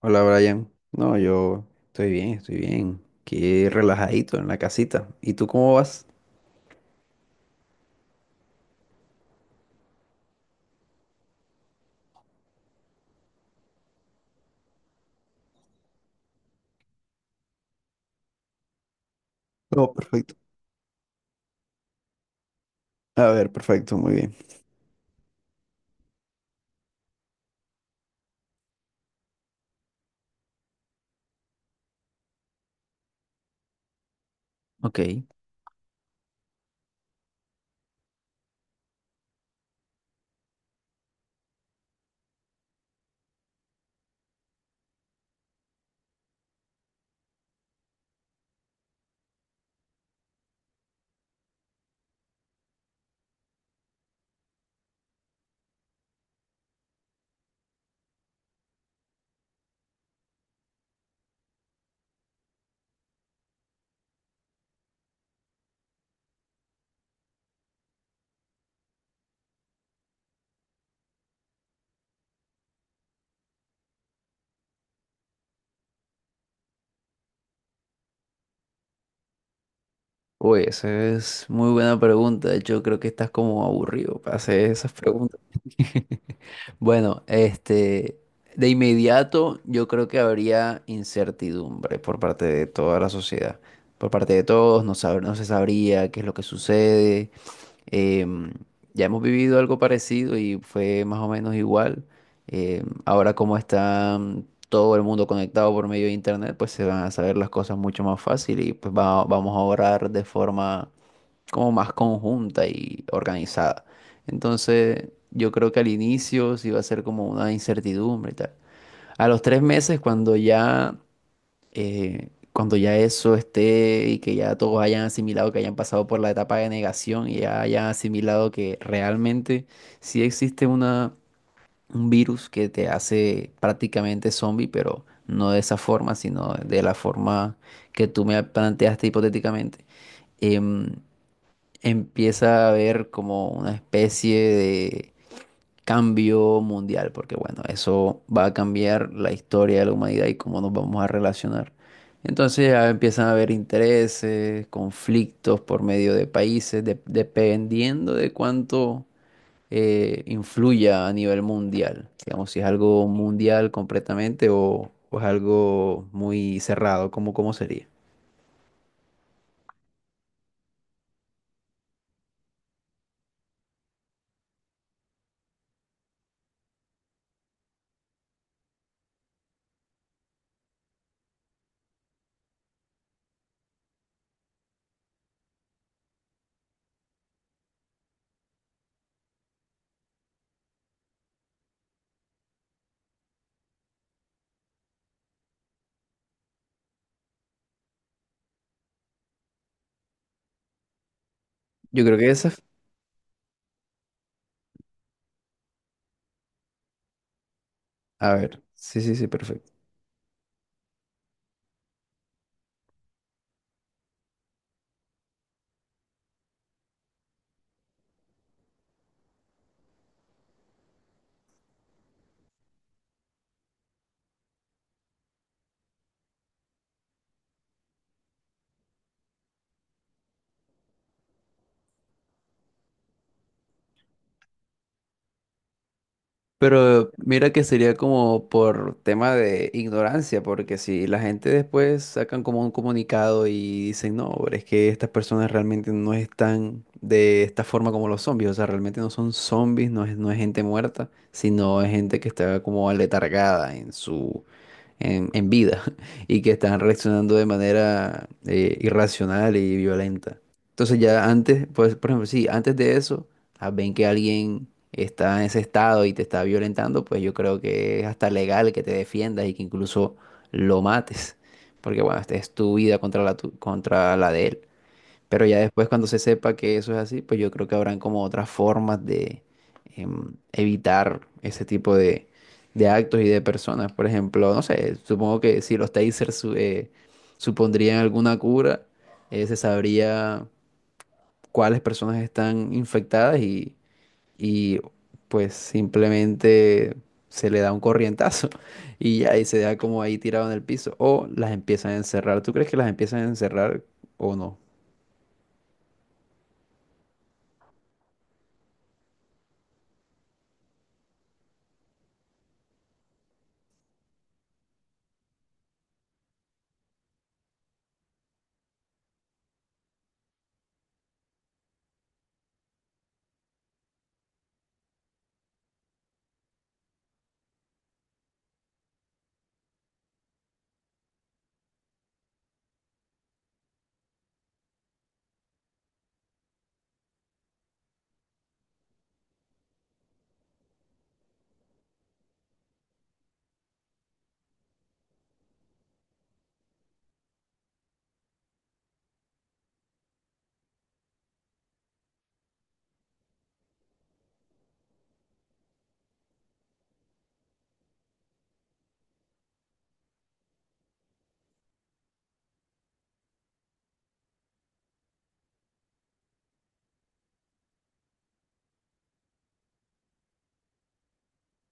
Hola Brian, no, yo estoy bien, qué relajadito en la casita. ¿Y tú cómo vas? No, perfecto. A ver, perfecto, muy bien. Ok, uy, esa es muy buena pregunta, de hecho creo que estás como aburrido para hacer esas preguntas. Bueno, de inmediato yo creo que habría incertidumbre por parte de toda la sociedad, por parte de todos, no se sabría qué es lo que sucede. Em, ya hemos vivido algo parecido y fue más o menos igual. Ahora como está todo el mundo conectado por medio de internet, pues se van a saber las cosas mucho más fácil y vamos a orar de forma como más conjunta y organizada. Entonces, yo creo que al inicio sí va a ser como una incertidumbre y tal. A los 3 meses, cuando ya eso esté y que ya todos hayan asimilado, que hayan pasado por la etapa de negación y ya hayan asimilado que realmente sí existe una, un virus que te hace prácticamente zombie, pero no de esa forma, sino de la forma que tú me planteaste hipotéticamente. em, Empieza a haber como una especie de cambio mundial, porque bueno, eso va a cambiar la historia de la humanidad y cómo nos vamos a relacionar. Entonces ya empiezan a haber intereses, conflictos por medio de países, dependiendo de cuánto influya a nivel mundial. Digamos, si es algo mundial completamente o es algo muy cerrado, ¿cómo sería? Yo creo que esa... A ver, sí, sí, sí, perfecto. Pero mira que sería como por tema de ignorancia, porque si la gente después sacan como un comunicado y dicen, no, pero es que estas personas realmente no están de esta forma como los zombies, o sea, realmente no son zombies, no es gente muerta, sino es gente que está como aletargada en vida, y que están reaccionando de manera irracional y violenta. Entonces ya antes, pues por ejemplo, sí, antes de eso, ah, ven que alguien está en ese estado y te está violentando, pues yo creo que es hasta legal que te defiendas y que incluso lo mates, porque bueno, esta es tu vida contra contra la de él. Pero ya después, cuando se sepa que eso es así, pues yo creo que habrán como otras formas de evitar ese tipo de actos y de personas. Por ejemplo, no sé, supongo que si los tasers supondrían alguna cura, se sabría cuáles personas están infectadas y pues simplemente se le da un corrientazo y ya, y se da como ahí tirado en el piso. O las empiezan a encerrar. ¿Tú crees que las empiezan a encerrar o no?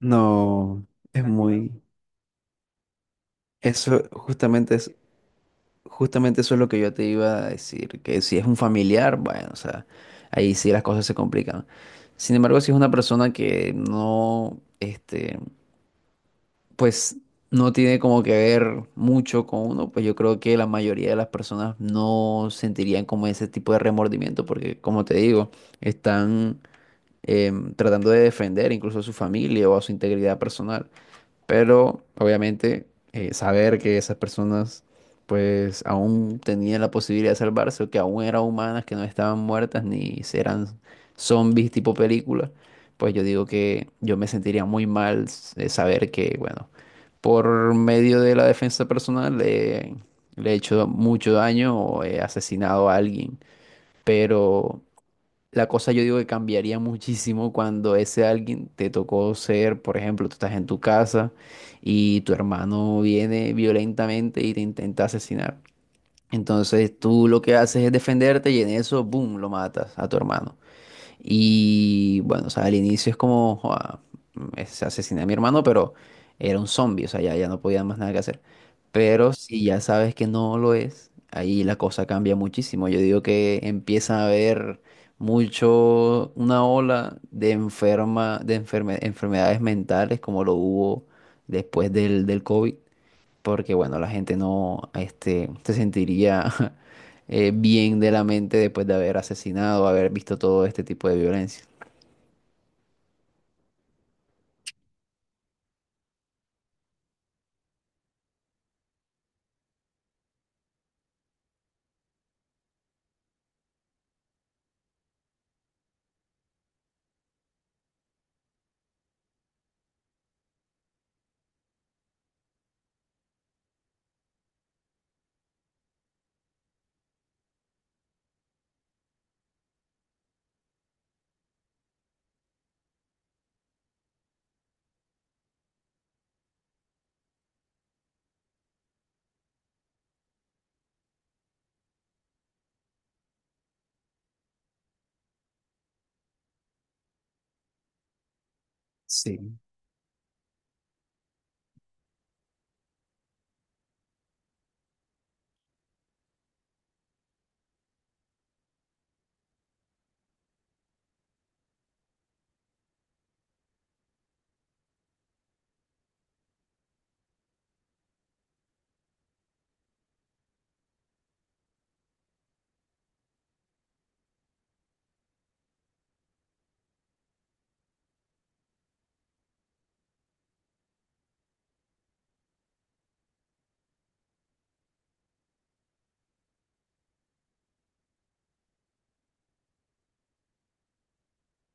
No, es muy... Eso justamente es, justamente eso es lo que yo te iba a decir, que si es un familiar, bueno, o sea, ahí sí las cosas se complican. Sin embargo, si es una persona que no, pues no tiene como que ver mucho con uno, pues yo creo que la mayoría de las personas no sentirían como ese tipo de remordimiento, porque como te digo, están tratando de defender incluso a su familia o a su integridad personal. Pero obviamente saber que esas personas pues aún tenían la posibilidad de salvarse o que aún eran humanas, que no estaban muertas ni eran zombies tipo película, pues yo digo que yo me sentiría muy mal saber que, bueno, por medio de la defensa personal le he hecho mucho daño o he asesinado a alguien. Pero la cosa yo digo que cambiaría muchísimo cuando ese alguien te tocó ser, por ejemplo, tú estás en tu casa y tu hermano viene violentamente y te intenta asesinar. Entonces tú lo que haces es defenderte y en eso, boom, lo matas a tu hermano. Y bueno, o sea, al inicio es como, joa, es, asesiné a mi hermano, pero era un zombie, o sea, ya, ya no podía más nada que hacer. Pero si ya sabes que no lo es, ahí la cosa cambia muchísimo. Yo digo que empieza a haber mucho, una ola de enferma, de enferme- enfermedades mentales como lo hubo después del COVID, porque bueno, la gente no este, se sentiría bien de la mente después de haber asesinado, haber visto todo este tipo de violencia. Sí.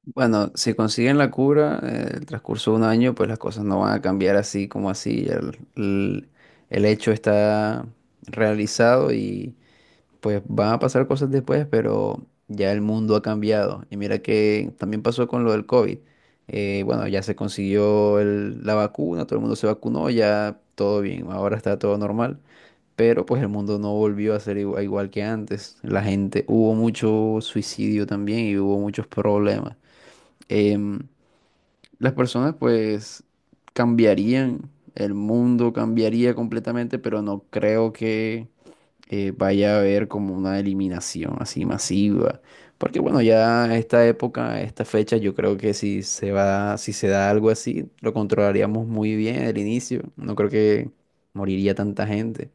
Bueno, si consiguen la cura, el transcurso de 1 año, pues las cosas no van a cambiar así como así. El hecho está realizado. Pues van a pasar cosas después, pero ya el mundo ha cambiado. Y mira que también pasó con lo del COVID. Bueno, ya se consiguió la vacuna, todo el mundo se vacunó, ya todo bien, ahora está todo normal. Pero pues el mundo no volvió a ser igual que antes. La gente, hubo mucho suicidio también y hubo muchos problemas. Em, las personas pues cambiarían, el mundo cambiaría completamente, pero no creo que vaya a haber como una eliminación así masiva. Porque bueno, ya esta época, esta fecha, yo creo que si se da algo así, lo controlaríamos muy bien al inicio. No creo que moriría tanta gente.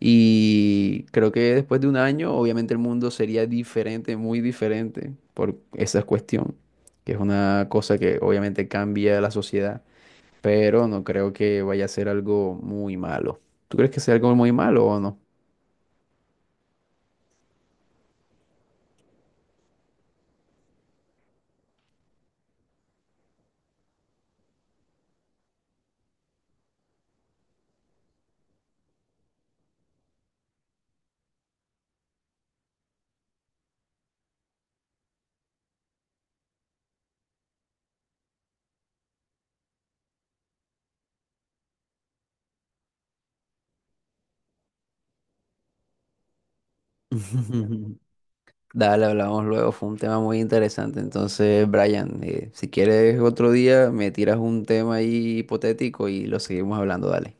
Y creo que después de 1 año, obviamente el mundo sería diferente, muy diferente por esa cuestión, que es una cosa que obviamente cambia la sociedad, pero no creo que vaya a ser algo muy malo. ¿Tú crees que sea algo muy malo o no? Dale, hablamos luego, fue un tema muy interesante. Entonces, Brian, si quieres otro día, me tiras un tema ahí hipotético y lo seguimos hablando, dale.